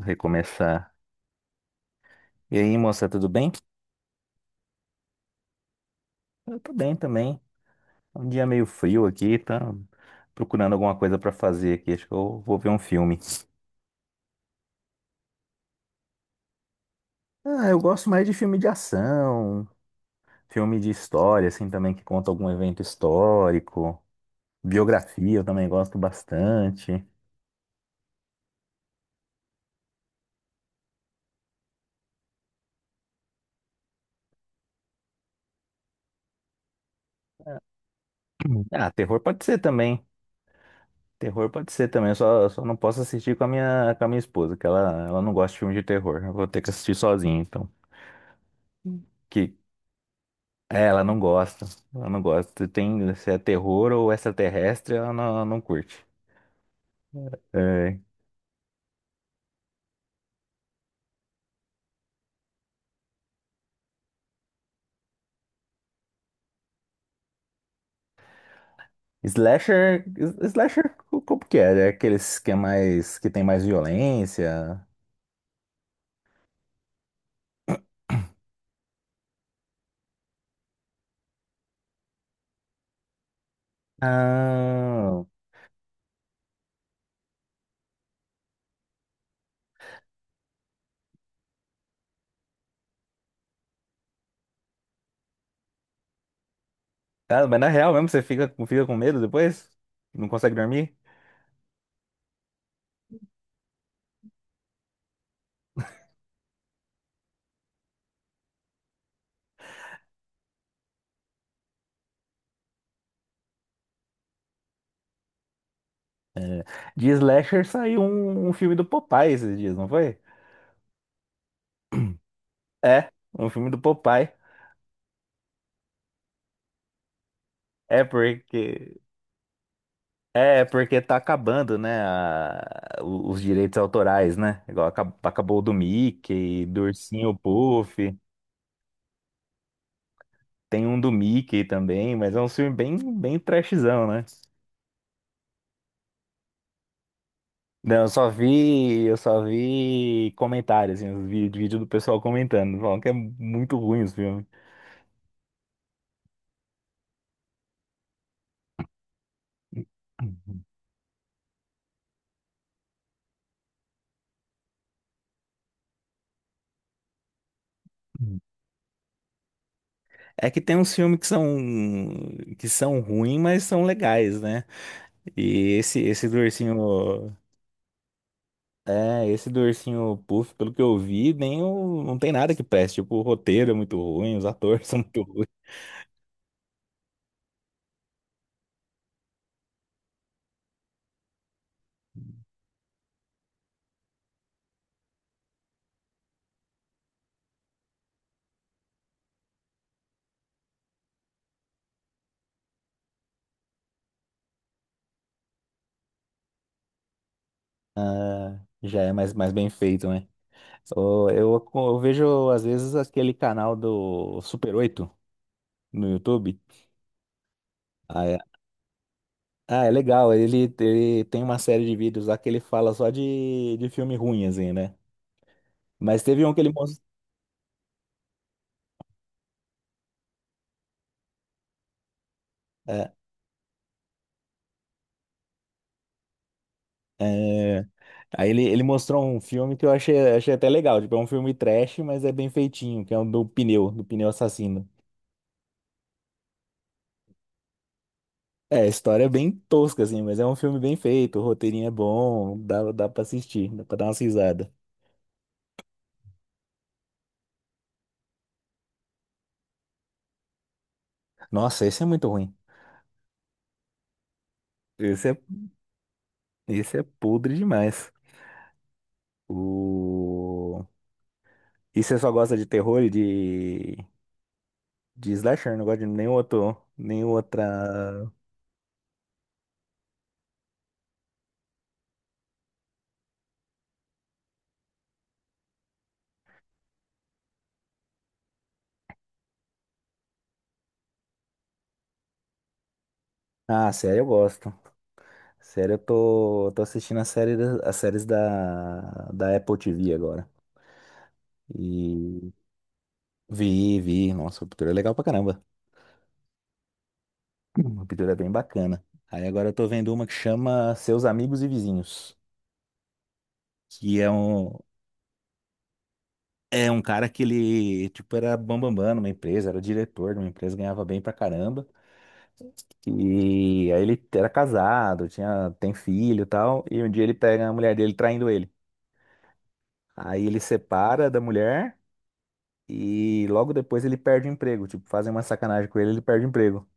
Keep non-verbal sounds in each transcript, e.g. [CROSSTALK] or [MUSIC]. Recomeçar. E aí, moça, tudo bem? Eu tô bem também. Um dia meio frio aqui, tá procurando alguma coisa pra fazer aqui. Acho que eu vou ver um filme. Ah, eu gosto mais de filme de ação, filme de história, assim, também que conta algum evento histórico. Biografia eu também gosto bastante. [CLEARS THROAT] Ah, terror pode ser também. Terror pode ser também. Eu só não posso assistir com a minha esposa, que ela não gosta de filme de terror. Eu vou ter que assistir sozinho, então. Que é, ela não gosta. Ela não gosta. Tem, se é terror ou extraterrestre, ela não curte. É. Slasher, slasher, como que é? É aqueles que é mais, que tem mais violência. Ah, ah, mas na real mesmo, você fica com medo depois? Não consegue dormir? De slasher saiu um filme do Popeye esses dias, não foi? É, um filme do Popeye. É porque É, porque tá acabando, né, os direitos autorais, né? Igual acabou, o do Mickey, do Ursinho Puff, tem um do Mickey também, mas é um filme bem, bem trashzão, né? Não, eu só vi comentários, assim, os vídeo do pessoal comentando, falando que é muito ruim os filmes. É que tem uns filmes que são ruins, mas são legais, né? E esse do ursinho é, esse do Ursinho Puff, pelo que eu vi, nem o, não tem nada que preste. Tipo, o roteiro é muito ruim, os atores [LAUGHS] são muito ruins. Ah, já é mais, mais bem feito, né? Ô, eu vejo, às vezes, aquele canal do Super Oito no YouTube. Ah, é, ah, é legal. Ele tem uma série de vídeos lá que ele fala só de filme ruim, assim, né? Mas teve um que ele mostrou. É, aí ele mostrou um filme que eu achei até legal. Tipo, é um filme trash, mas é bem feitinho, que é o do pneu assassino. É, a história é bem tosca, assim, mas é um filme bem feito, o roteirinho é bom, dá pra assistir, dá pra dar umas risadas. Nossa, esse é muito ruim. Esse é, esse é podre demais. O, e você só gosta de terror e de slasher, não gosta de nenhum outro, nenhum outra... Ah, sério, eu gosto. Sério, eu tô assistindo a as séries da, da Apple TV agora. E vi, vi. Nossa, a pintura é legal pra caramba. A pintura é bem bacana. Aí agora eu tô vendo uma que chama Seus Amigos e Vizinhos. Que é um cara que ele, tipo, era bambambam numa empresa, era o diretor de uma empresa, ganhava bem pra caramba. E aí ele era casado, tinha, tem filho e tal. E um dia ele pega a mulher dele traindo ele. Aí ele separa da mulher. E logo depois ele perde o emprego. Tipo, fazem uma sacanagem com ele, ele perde o emprego.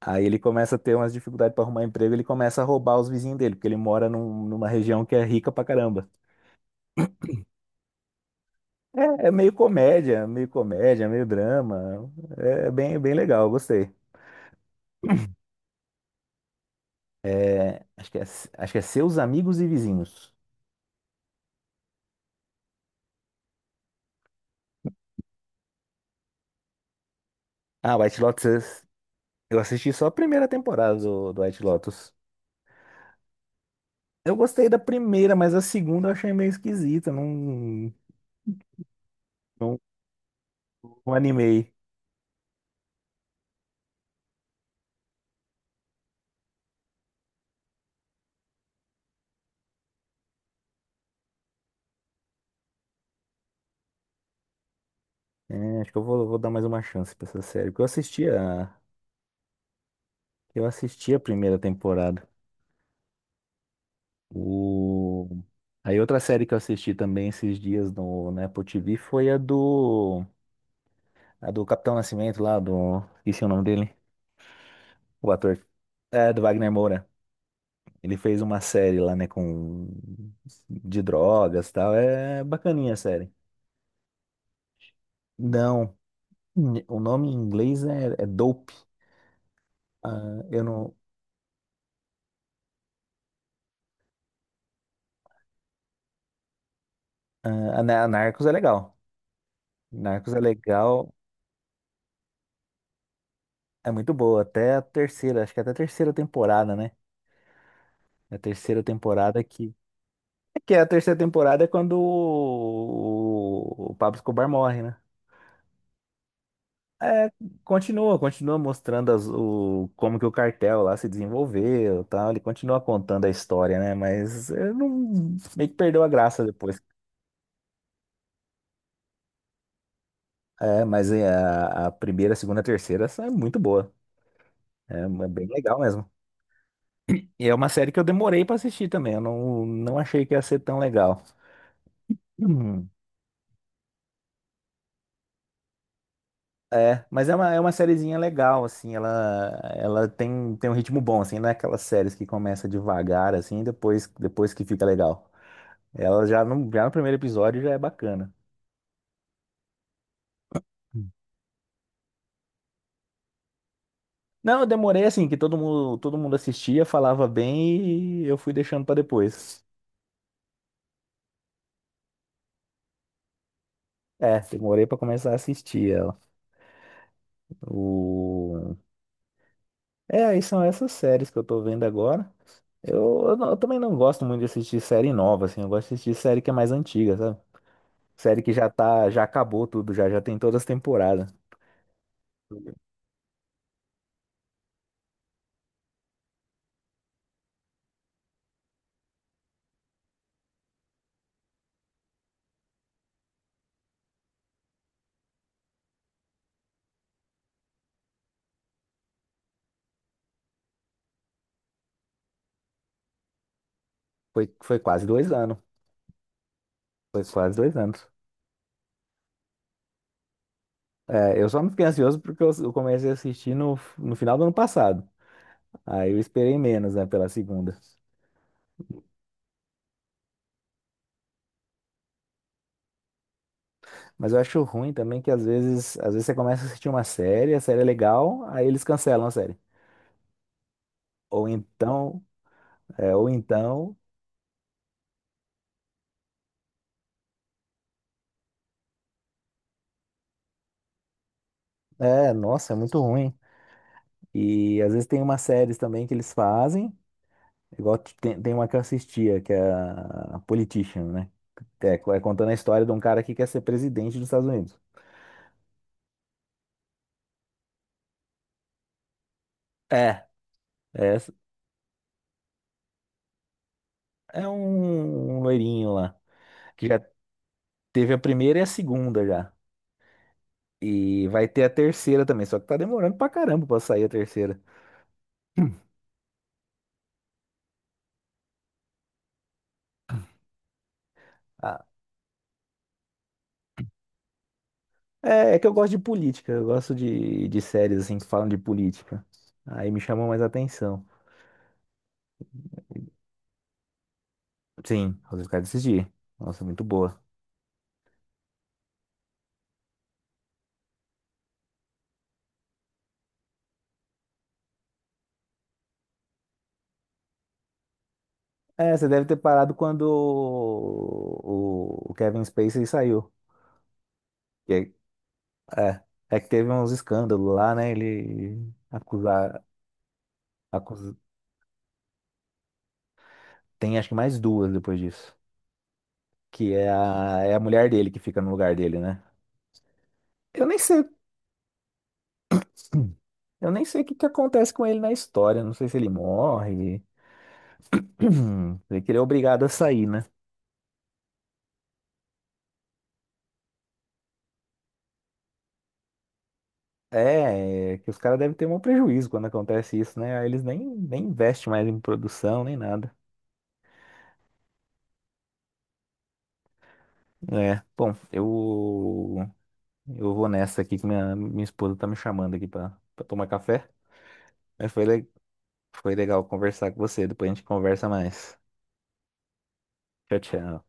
Aí ele começa a ter umas dificuldades para arrumar emprego, ele começa a roubar os vizinhos dele, porque ele mora numa região que é rica pra caramba. É, é meio comédia, meio drama. É bem, bem legal, eu gostei. É, acho que é Seus Amigos e Vizinhos. Ah, White Lotus. Eu assisti só a primeira temporada do White Lotus. Eu gostei da primeira, mas a segunda eu achei meio esquisita. Não, não, não animei. É, acho que eu vou dar mais uma chance pra essa série. Porque eu assisti a primeira temporada. O, aí outra série que eu assisti também esses dias no, na Apple TV foi a do Capitão Nascimento lá, do... Esqueci o nome dele, o ator. É, do Wagner Moura. Ele fez uma série lá, né, com... De drogas e tal. É bacaninha a série. Não, o nome em inglês é Dope. Ah, eu não... Ah, a Narcos é legal. Narcos é legal. É muito boa, até a terceira, acho que até a terceira temporada, né? É a terceira temporada que. É que é a terceira temporada é quando o Pablo Escobar morre, né? É, continua, continua mostrando como que o cartel lá se desenvolveu, e tal. Ele continua contando a história, né? Mas eu não, meio que perdeu a graça depois. É, mas é, a primeira, a segunda, a terceira são é muito boa. É, é bem legal mesmo. E é uma série que eu demorei pra assistir também. Eu não, não achei que ia ser tão legal. [CLEARS THROAT] É, mas é uma sériezinha legal, assim, ela tem, tem um ritmo bom, assim, não é aquelas séries que começa devagar, assim, e depois, depois que fica legal. Ela já no primeiro episódio já é bacana. Hum. Não, eu demorei, assim, que todo mundo assistia, falava bem e eu fui deixando pra depois. É, demorei pra começar a assistir ela. O, é, aí são essas séries que eu tô vendo agora. Eu também não gosto muito de assistir série nova, assim, eu gosto de assistir série que é mais antiga, sabe? Série que já tá, já acabou tudo, já, já tem todas as temporadas. Foi, foi quase dois anos. Foi quase dois anos. É, eu só não fiquei ansioso porque eu comecei a assistir no final do ano passado. Aí eu esperei menos, né, pela segunda. Mas eu acho ruim também que às vezes você começa a assistir uma série, a série é legal, aí eles cancelam a série. Ou então, ou então, é, nossa, é muito ruim. E às vezes tem umas séries também que eles fazem, igual tem uma que eu assistia, que é a Politician, né? É, é contando a história de um cara que quer ser presidente dos Estados Unidos. É, é, é um, um loirinho lá, que já teve a primeira e a segunda já. E vai ter a terceira também, só que tá demorando pra caramba pra sair a terceira. Ah, é, é que eu gosto de política, eu gosto de séries assim que falam de política. Aí me chamou mais a atenção. Sim, Os Caras Decidir. Nossa, muito boa. É, você deve ter parado quando o Kevin Spacey saiu. É, é que teve uns escândalos lá, né? Ele acusar, acus- tem acho que mais duas depois disso, que é a mulher dele que fica no lugar dele, né? Eu nem sei, eu nem sei o que que acontece com ele na história, não sei se ele morre, [CLEARS THROAT] sei que ele é obrigado a sair, né? É, é que os caras devem ter um prejuízo quando acontece isso, né? Aí eles nem, nem investem mais em produção, nem nada. É, bom, eu vou nessa aqui que minha esposa tá me chamando aqui pra, pra tomar café. Mas foi legal conversar com você. Depois a gente conversa mais. Tchau, tchau.